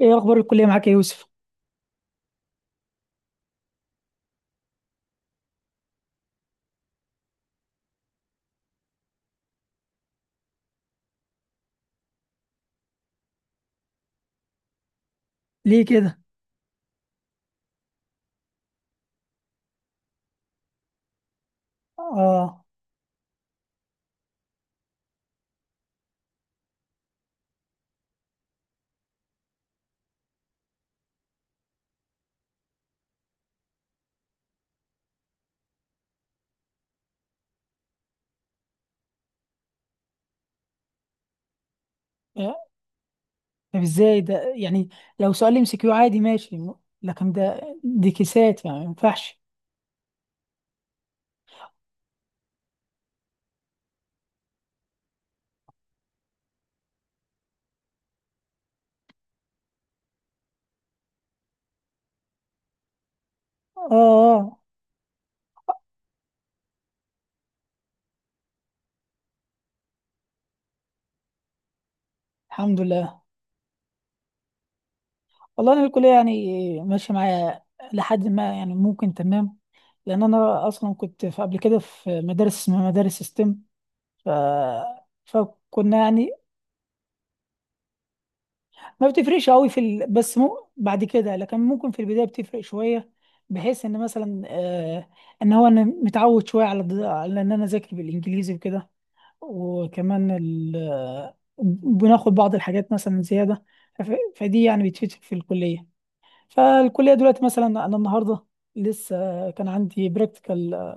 ايه اخبار الكليه معاك يا يوسف؟ ليه كده؟ اه. إيه؟ طب ازاي ده يعني؟ لو سؤال ام سي كيو عادي ماشي، لكن دي كيسات، يعني ما ينفعش. اه، اه. الحمد لله. والله انا الكليه يعني ماشيه معايا لحد ما، يعني ممكن تمام، لان انا اصلا كنت قبل كده في مدارس اسمها مدارس ستيم. ف فكنا يعني ما بتفرقش قوي بعد كده، لكن ممكن في البدايه بتفرق شويه، بحيث ان مثلا ان هو انا متعود شويه على على ان انا اذاكر بالانجليزي وكده. وكمان ال... آه، بناخد بعض الحاجات مثلا زياده، فف... فدي يعني بتفيد في الكليه. فالكليه دلوقتي مثلا انا النهارده، لسه كان عندي براكتيكال،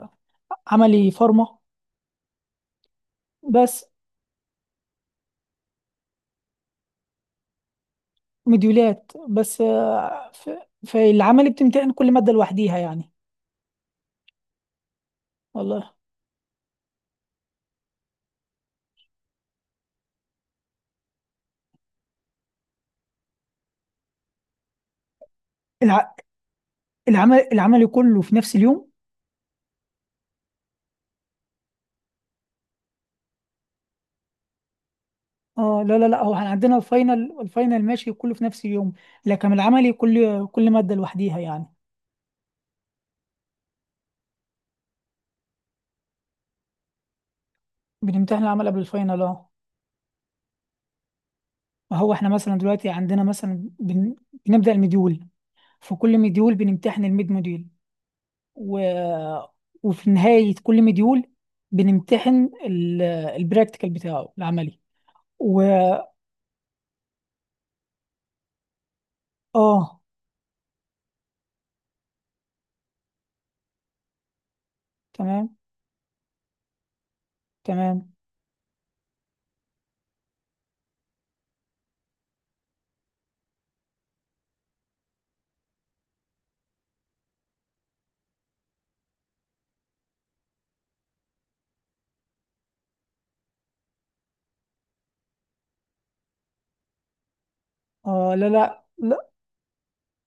عملي فارما. بس. مديولات بس. فالعملي بتمتحن كل ماده لوحديها يعني. والله. العمل كله في نفس اليوم. اه، لا، لا، لا، هو احنا عندنا الفاينل ماشي كله في نفس اليوم، لكن العملي كل مادة لوحديها يعني. بنمتحن العمل قبل الفاينل، اه. ما هو احنا مثلا دلوقتي عندنا مثلا بنبدأ المديول، في كل مديول بنمتحن الميد موديول، و... وفي نهاية كل مديول بنمتحن البراكتيكال بتاعه العملي. و اه، تمام، تمام. اه، لا، لا،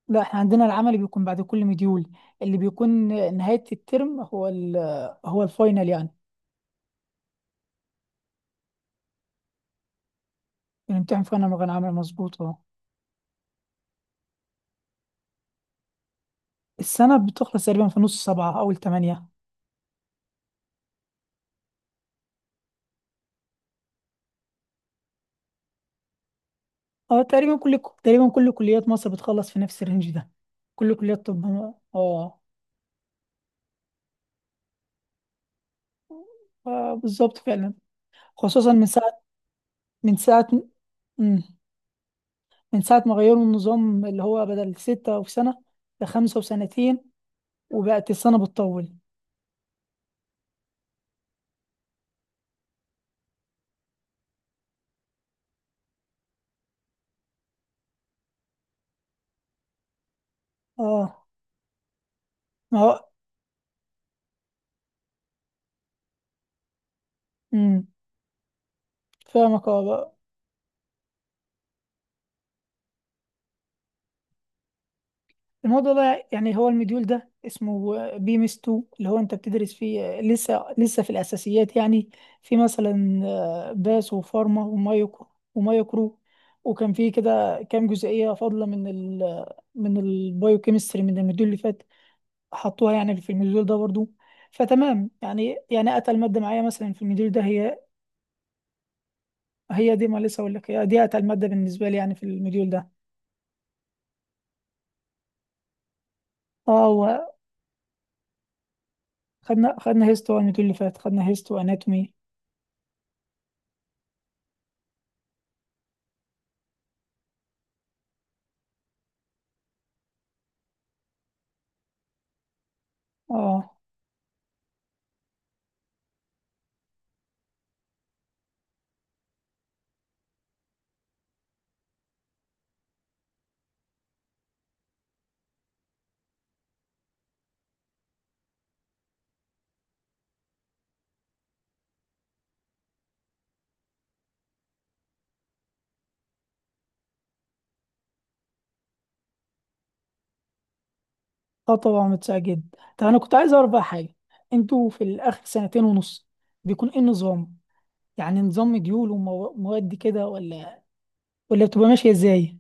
لا، احنا عندنا العمل بيكون بعد كل مديول، اللي بيكون نهاية الترم هو الفاينل يعني. بنمتحن فاينل من غير عمل، مظبوط اه. السنة بتخلص تقريبا في نص 7، أول 8. اه، تقريبا كل كليات مصر بتخلص في نفس الرينج ده، كل كليات طب. اه، بالظبط فعلا. خصوصا من ساعة من ساعة مم. من ساعة ما غيروا النظام اللي هو بدل 6 في سنة لخمسة وسنتين، وبقت السنة بتطول. اه، ما هو. مم. فاهمك، اه. الموضوع ده يعني هو المديول ده اسمه بيمس 2، اللي هو انت بتدرس فيه لسه في الاساسيات يعني. في مثلا باس وفارما ومايكرو، ومايكرو وكان في كده كام جزئيه فاضله من البايوكيمستري من المديول اللي فات، حطوها يعني في المديول ده برضو. فتمام يعني اتقل ماده معايا مثلا في المديول ده هي. هي دي، ما لسه اقول لك، هي دي اتقل ماده بالنسبه لي يعني في المديول ده. اه، وخدنا، خدنا هيستو المديول اللي فات، خدنا هيستو اناتومي. اه، اه، طبعا، متسع جدا. طب انا كنت عايز اعرف بقى حاجه: انتوا في الاخر سنتين ونص بيكون ايه النظام؟ يعني نظام مديول ومواد كده، ولا بتبقى ماشيه ازاي؟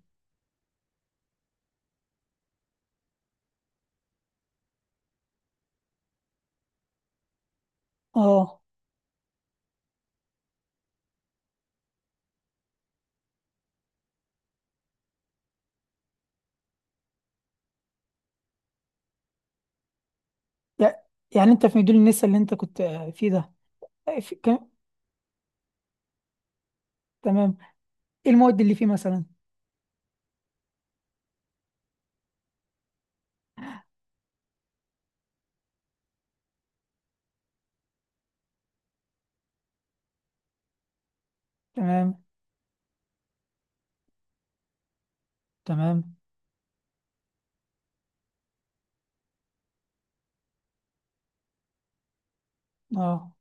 اه، يع- يعني انت في مديول النسا اللي انت كنت فيه ده. آه، في... كم... تمام. ايه المواد اللي فيه مثلا؟ تمام، تمام، اه.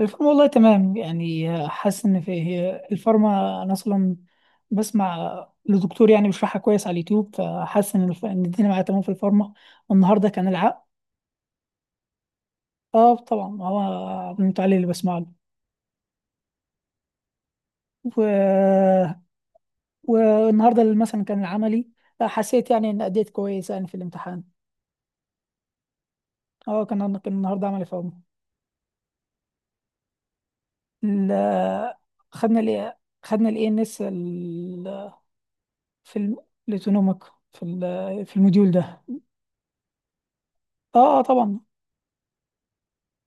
الفارما والله تمام يعني، حاسس ان في، هي الفارما انا اصلا بسمع لدكتور يعني بيشرحها كويس على اليوتيوب، فحاسس ان إن الدنيا معايا تمام في الفارما. والنهارده كان العقد. اه، طبعا، هو عبد علي اللي بسمع له. و... والنهارده اللي مثلا كان العملي، حسيت يعني ان اديت كويس يعني في الامتحان. اه، كان النهارده عملي في عمر. ال... خدنا ال خدنا الـANS في الاوتونوميك، في في الموديول ده. اه، اه، طبعا،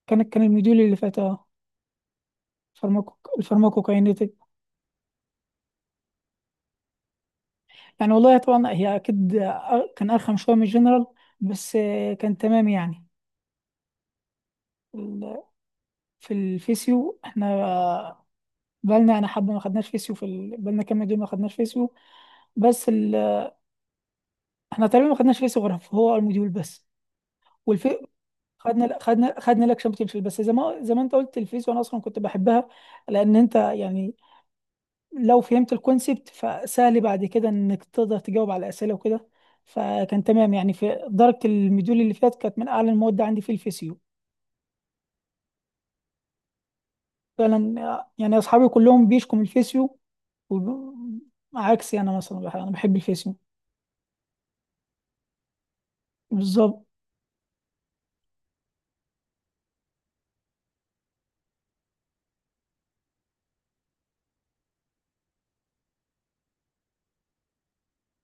كان الموديول اللي فات اه. فارماكو، الفارماكوكاينيتك. يعني والله طبعا هي اكيد كان ارخم شويه من الجنرال، بس كان تمام يعني. ال- في الفيسيو احنا بالنا، انا حبه ما خدناش فيسيو في بالنا كام مديول ما خدناش فيسيو، بس ال... احنا تقريبا ما خدناش فيسيو غير هو المديول بس. والفي خدنا لك شامبيونشيب. بس زي ما انت قلت، الفيسيو انا اصلا كنت بحبها، لان انت يعني لو فهمت الكونسبت فسهل بعد كده انك تقدر تجاوب على الاسئله وكده، فكان تمام يعني، في درجه المديول اللي فات كانت من اعلى المواد عندي في الفيسيو. فعلا، يعني اصحابي كلهم بيشكوا من الفيسيو، وب- عكسي انا مثلا، انا بحب الفيسيو. بالظبط.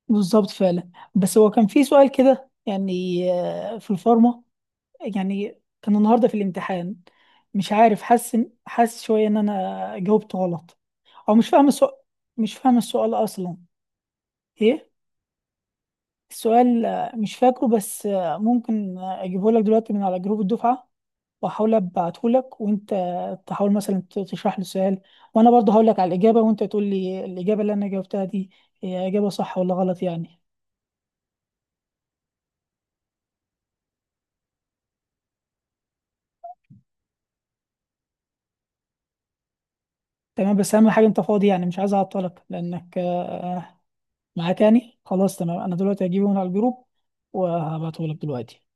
بالظبط فعلا، بس هو كان في سؤال كده يعني في الفارما يعني، كان النهارده في الامتحان. مش عارف، حاسس حاسس شويه ان انا جاوبت غلط، او مش فاهم السؤال، مش فاهم السؤال اصلا. ايه؟ السؤال مش فاكره، بس ممكن اجيبه لك دلوقتي من على جروب الدفعه، واحاول ابعته لك، وانت تحاول مثلا تشرح لي السؤال، وانا برضه هقول لك على الاجابه، وانت تقول لي الاجابه اللي انا جاوبتها دي هي اجابه صح ولا غلط يعني. تمام، بس اهم حاجه انت فاضي، يعني مش عايز اعطلك لانك معاك يعني. خلاص تمام، انا دلوقتي هجيبه من على الجروب، وهبعته لك دلوقتي.